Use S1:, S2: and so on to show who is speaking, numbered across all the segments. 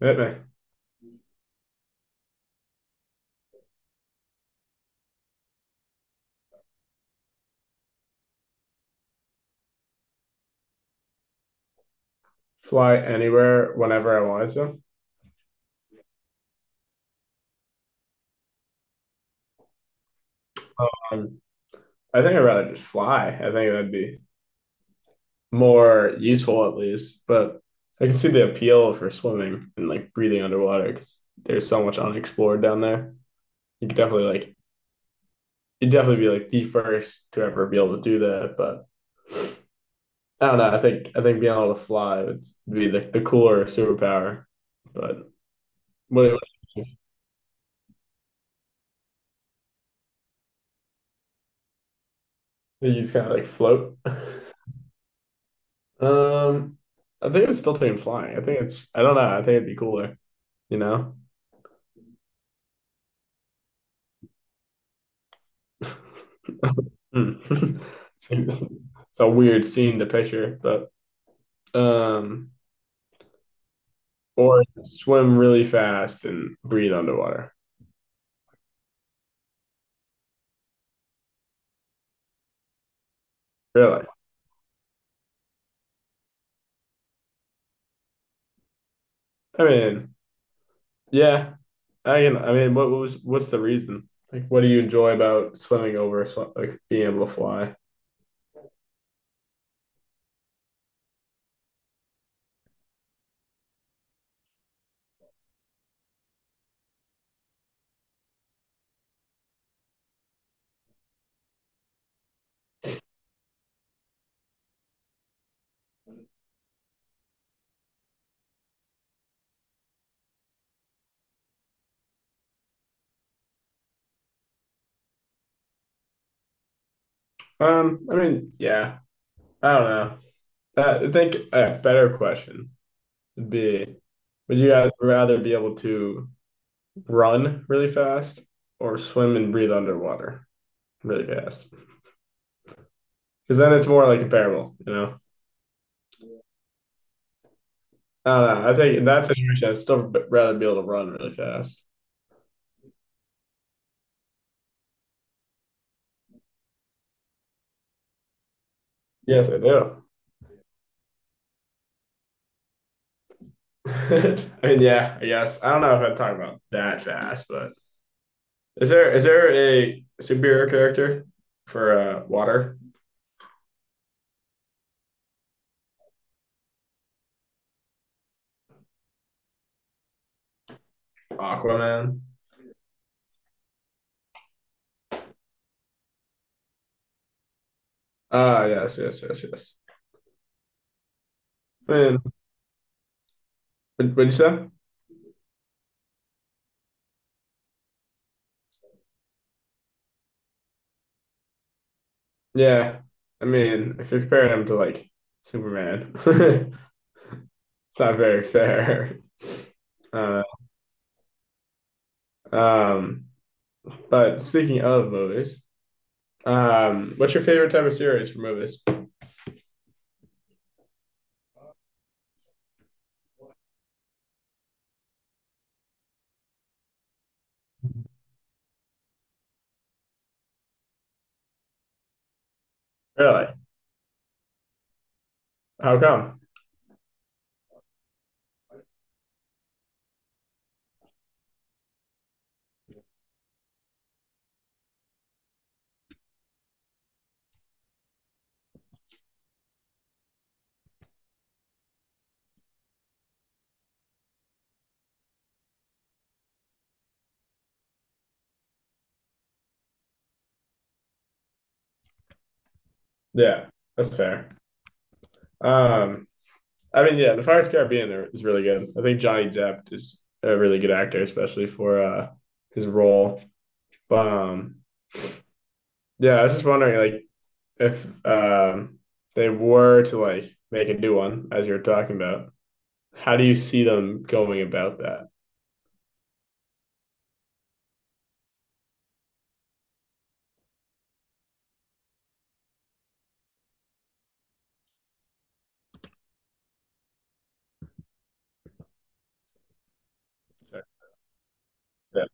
S1: Maybe fly anywhere whenever I wanted to. Um, I think I'd rather just fly. I think that'd be more useful at least. But I can see the appeal for swimming and like breathing underwater because there's so much unexplored down there. You could definitely like you'd definitely be like the first to ever be able to do that. But I don't know. I think being able to fly would be the cooler superpower. But what, do you you just kind of like float. Um, I think I'm still taking flying. I don't know. I think it'd be cooler, you know? Hmm. It's a weird scene to picture, but um, or swim really fast and breathe underwater. Really? I mean, yeah. I mean, what was what's the reason? Like, what do you enjoy about swimming over sw like being able to fly? I mean, yeah. I don't know. I think a better question. Be Would you guys rather be able to run really fast or swim and breathe underwater really fast? Because then it's more like comparable, you know? I don't know. I think in that situation, I'd still rather be able to run really fast. Yes, I do. I mean, yeah, I guess. I don't know if I'd talk about that fast, but is there a superhero character for water? Aquaman? Ah, yes, yes, yes, yes. I mean, what'd you say? Yeah. I mean, if you're comparing him to like Superman, it's not very fair. Uh, um, but speaking of movies, what's your favorite type of series for movies? Really? How come? Yeah, that's fair. Um, I mean, yeah, the Pirates of the Caribbean is really good. I think Johnny Depp is a really good actor, especially for his role. But yeah, I was just wondering, like, if they were to like make a new one, as you are talking about, how do you see them going about that? Yeah,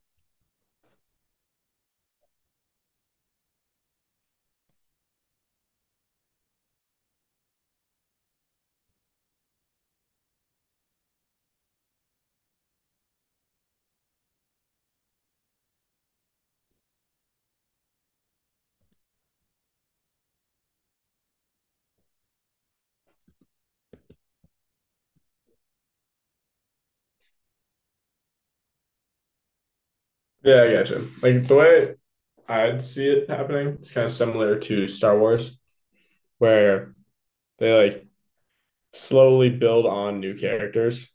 S1: yeah, I gotcha. Like the way I'd see it happening is kind of similar to Star Wars, where they like slowly build on new characters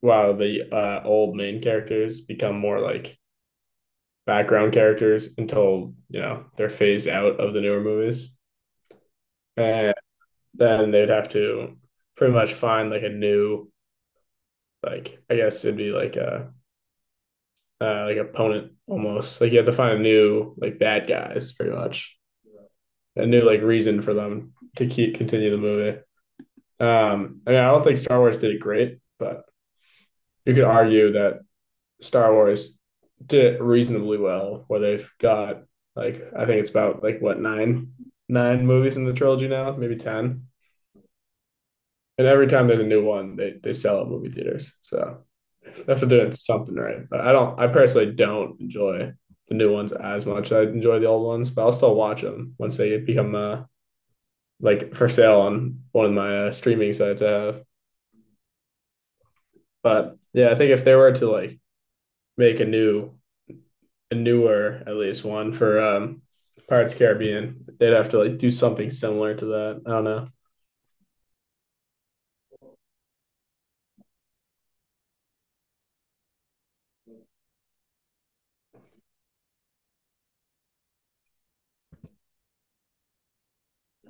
S1: while the old main characters become more like background characters until you know they're phased out of the newer movies, and then they'd have to pretty much find like a new like I guess it'd be like a like opponent almost. Like you have to find a new like bad guys pretty much. A new like reason for them to keep continue the movie. I mean I don't think Star Wars did it great, but you could argue that Star Wars did it reasonably well where they've got like I think it's about like what nine movies in the trilogy now, maybe 10. And every time there's a new one, they sell at movie theaters. So that's for doing something right. But I don't. I personally don't enjoy the new ones as much. I enjoy the old ones, but I'll still watch them once they become like for sale on one of my streaming sites I have. But yeah, I think if they were to like make a newer at least one for Pirates of the Caribbean, they'd have to like do something similar to that. I don't know.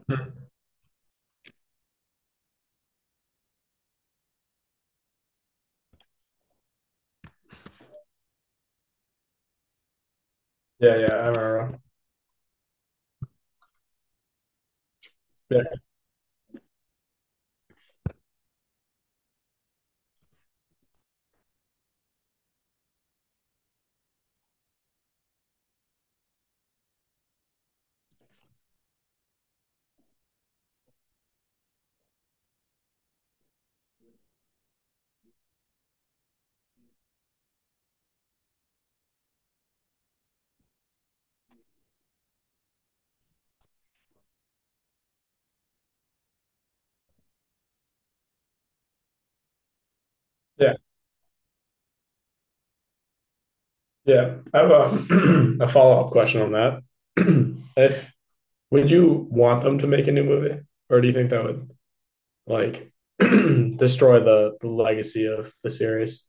S1: Hmm. Yeah, yeah, I remember. Yeah, yeah. Yeah, I have a, a follow-up question on that. If would you want them to make a new movie, or do you think that would like destroy the legacy of the series?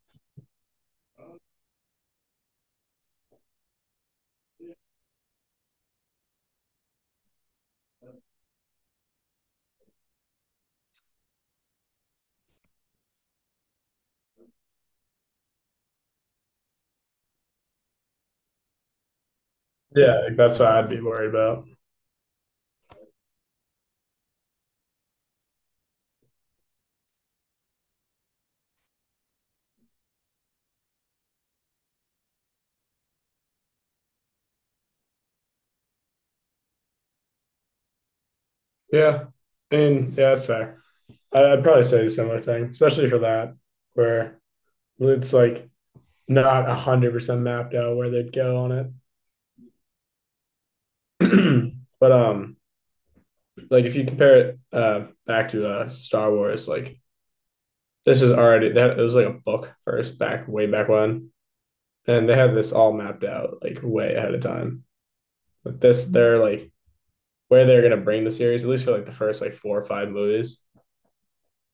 S1: Yeah, like, that's what I'd be worried about. Yeah, I mean, yeah, that's fair. I'd probably say a similar thing, especially for that, where it's like not 100% mapped out where they'd go on it. But like if you compare it back to Star Wars, like this is already that it was like a book first back way back when, and they had this all mapped out like way ahead of time. Like this, they're like where they're gonna bring the series at least for like the first like four or five movies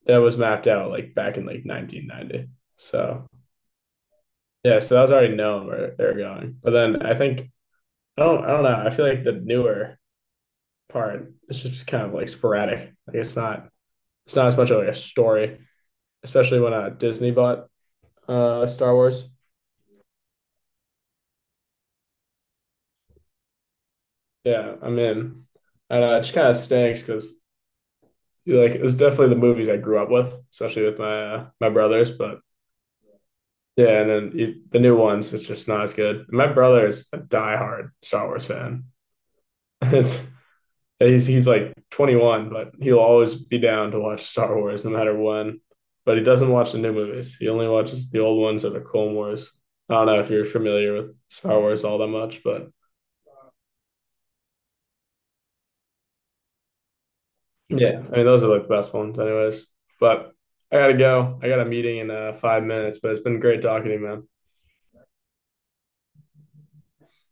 S1: that was mapped out like back in like 1990. So yeah, so that was already known where they're going. But then I think I don't know. I feel like the newer part is just kind of like sporadic. Like it's not as much of like a story, especially when Disney bought Star Wars. Yeah, I'm in. I don't know, it just kind of stinks because like it was definitely the movies I grew up with, especially with my brothers. But yeah, and then the new ones, it's just not as good. My brother is a diehard Star Wars fan. It's he's like 21, but he'll always be down to watch Star Wars no matter when. But he doesn't watch the new movies. He only watches the old ones or the Clone Wars. I don't know if you're familiar with Star Wars all that much, but yeah, I mean those are like the best ones, anyways. But I gotta go. I got a meeting in 5 minutes, but it's been great talking to you, man.